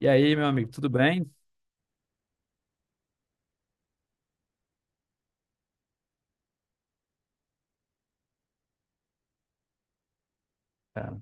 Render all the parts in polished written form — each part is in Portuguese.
E aí, meu amigo, tudo bem? Cara,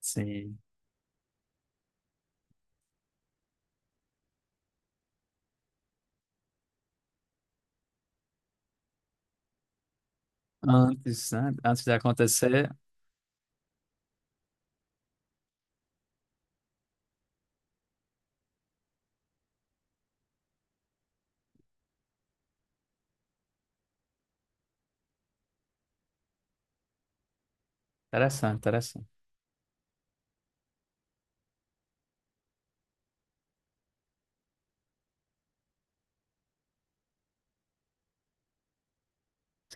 sim. Antes, né? Antes de acontecer, interessante, interessante.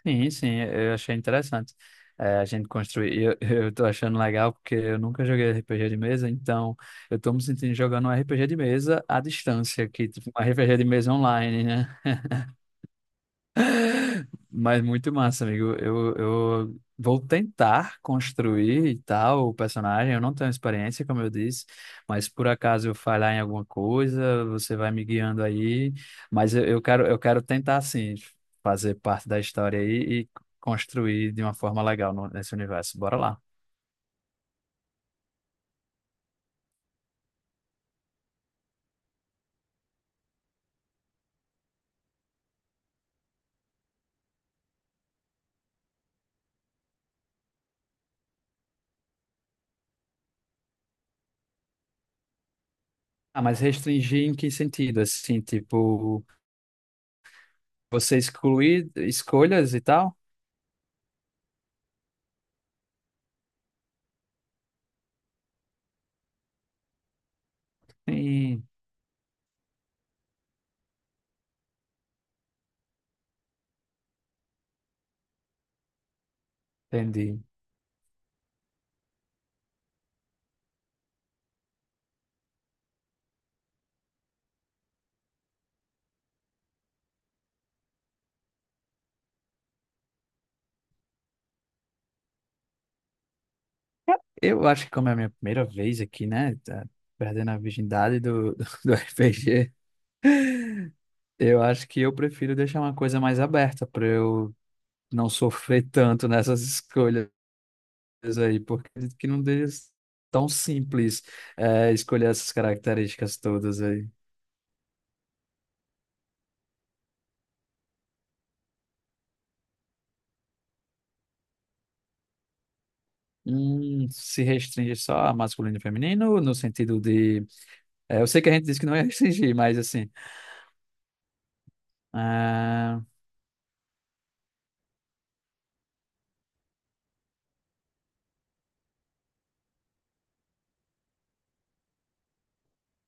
Sim, sim, eu achei interessante. É, a gente construir. Eu tô achando legal porque eu nunca joguei RPG de mesa, então eu tô me sentindo jogando um RPG de mesa à distância, que tipo um RPG de mesa online, né? Mas muito massa, amigo. Eu vou tentar construir e tal o personagem. Eu não tenho experiência, como eu disse, mas por acaso eu falhar em alguma coisa, você vai me guiando aí. Mas eu quero, eu quero tentar, assim, fazer parte da história aí e construir de uma forma legal nesse universo. Bora lá. Ah, mas restringir em que sentido? Assim, tipo, você excluir escolhas e tal? Sim, entendi. Eu acho que como é a minha primeira vez aqui, né? Tá perdendo a virgindade do do RPG, eu acho que eu prefiro deixar uma coisa mais aberta para eu não sofrer tanto nessas escolhas aí, porque acredito que não deixa tão simples escolher essas características todas aí. Se restringe só a masculino e feminino, no sentido de. É, eu sei que a gente disse que não ia restringir, mas assim. ah,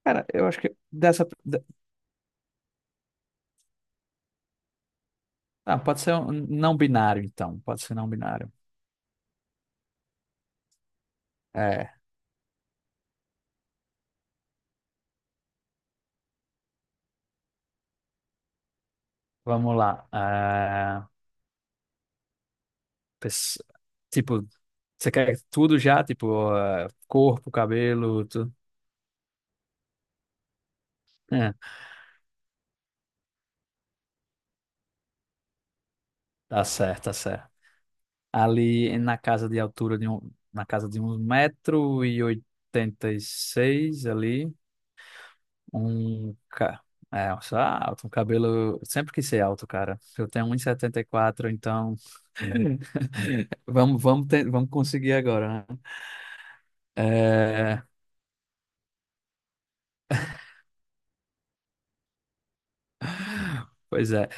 Cara, eu acho que dessa. Ah, pode ser um não binário, então. Pode ser não binário. É, vamos lá. Ah, pes- tipo, você quer tudo já? Tipo, ah, corpo, cabelo, tudo. É, tá certo, tá certo. Ali na casa de altura de um, na casa de um metro e oitenta e seis ali, um ca... É, eu sou alto, um cabelo... Sempre quis ser alto, cara. Eu tenho um e setenta e quatro, então... Vamos conseguir agora, né? É, pois é,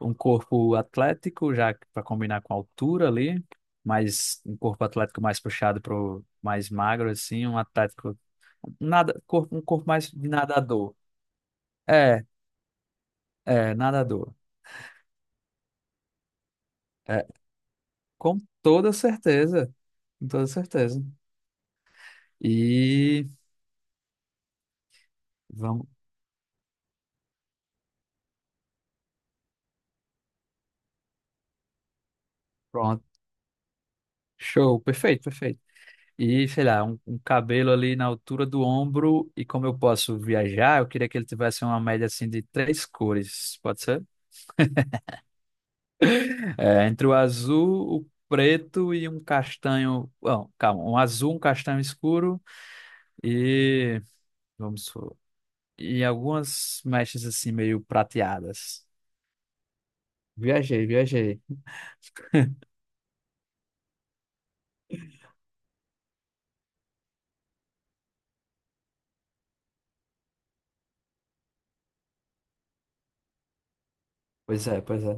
um corpo atlético, já para combinar com a altura ali, mas um corpo atlético mais puxado para o mais magro, assim, um atlético, nada, corpo, um corpo mais de nadador. É, é, nadador. É, com toda certeza, com toda certeza. E vamos, pronto, show, perfeito, perfeito. E, sei lá, um cabelo ali na altura do ombro, e como eu posso viajar, eu queria que ele tivesse uma média, assim, de três cores, pode ser? É, entre o azul, o preto e um castanho. Não, calma, um azul, um castanho escuro e. Vamos supor, e algumas mechas assim meio prateadas. Viajei, viajei. Pois é, pois é.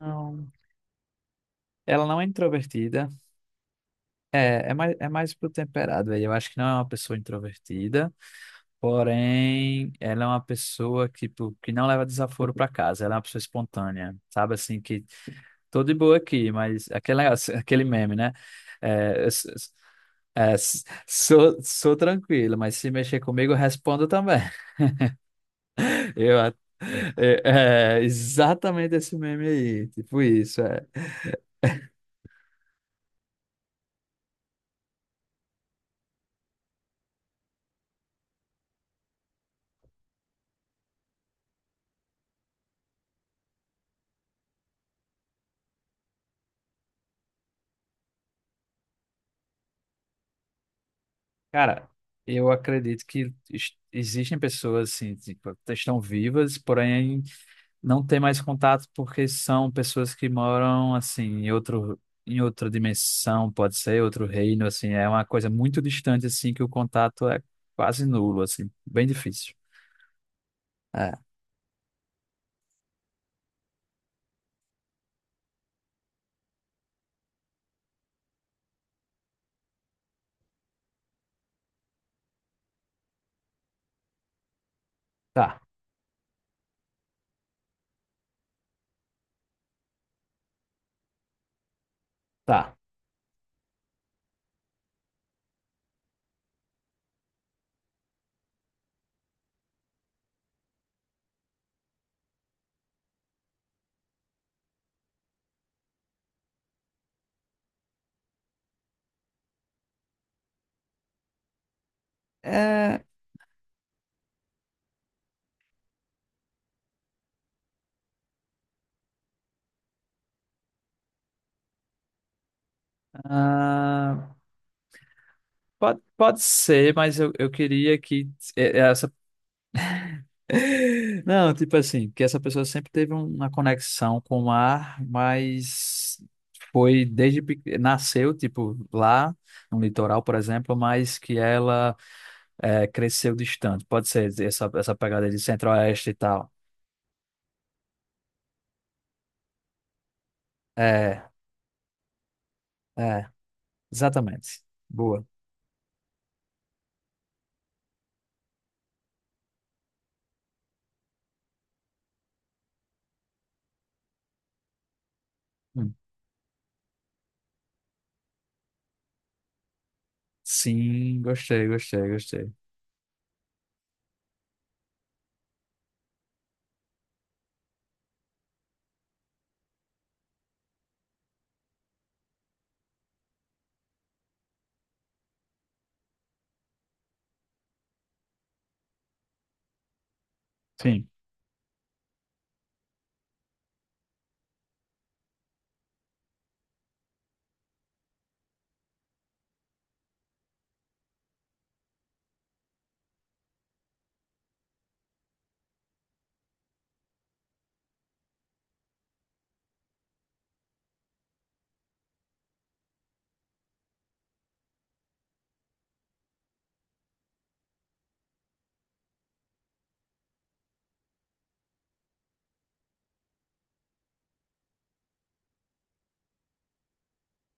Não. Ela não é introvertida. É mais pro temperado aí. Eu acho que não é uma pessoa introvertida. Porém, ela é uma pessoa que, tipo, que não leva desaforo pra casa. Ela é uma pessoa espontânea, sabe? Assim, que tô de boa aqui, mas aquele meme, né? É, s- s- sou, sou tranquilo, mas se mexer comigo, eu respondo também. Eu, a- é, é, exatamente esse meme aí, tipo isso, é. Cara, eu acredito que existem pessoas assim, tipo, estão vivas, porém não ter mais contato porque são pessoas que moram assim em outro em outra dimensão, pode ser outro reino, assim, é uma coisa muito distante assim que o contato é quase nulo, assim, bem difícil. É, tá, tá. É, ah, pode, pode ser, mas eu queria que eh, essa não, tipo assim, que essa pessoa sempre teve uma conexão com o mar, mas foi desde pequena, nasceu tipo lá no litoral, por exemplo, mas que ela é, cresceu distante. Pode ser essa, essa pegada de centro-oeste e tal. É, é, exatamente. Boa. Hum. Sim, gostei, gostei, gostei. Sim,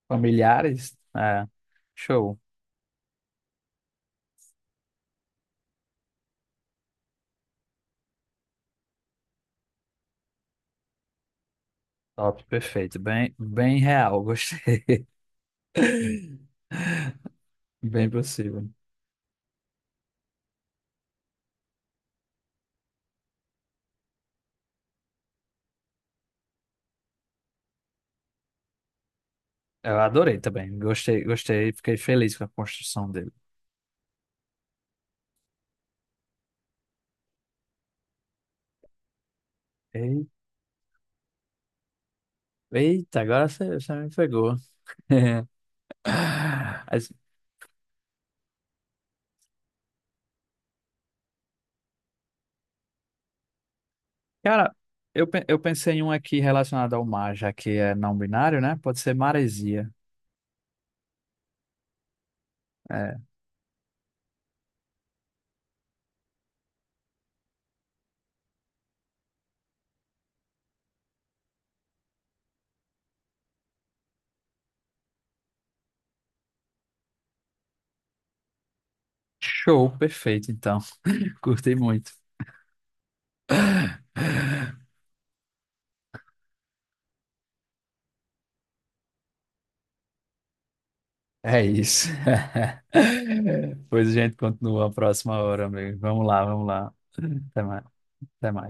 familiares? É, show. Top, perfeito. Bem, bem real, gostei. Bem possível. Eu adorei também. Gostei, gostei. Fiquei feliz com a construção dele. Ei- Eita, agora você, você me pegou. Mas, cara, eu, eu pensei em um aqui relacionado ao mar, já que é não binário, né? Pode ser maresia. É. Show, perfeito, então. Curti muito. É isso. Pois a gente continua a próxima hora, amigo. Vamos lá, vamos lá. Até mais. Até mais.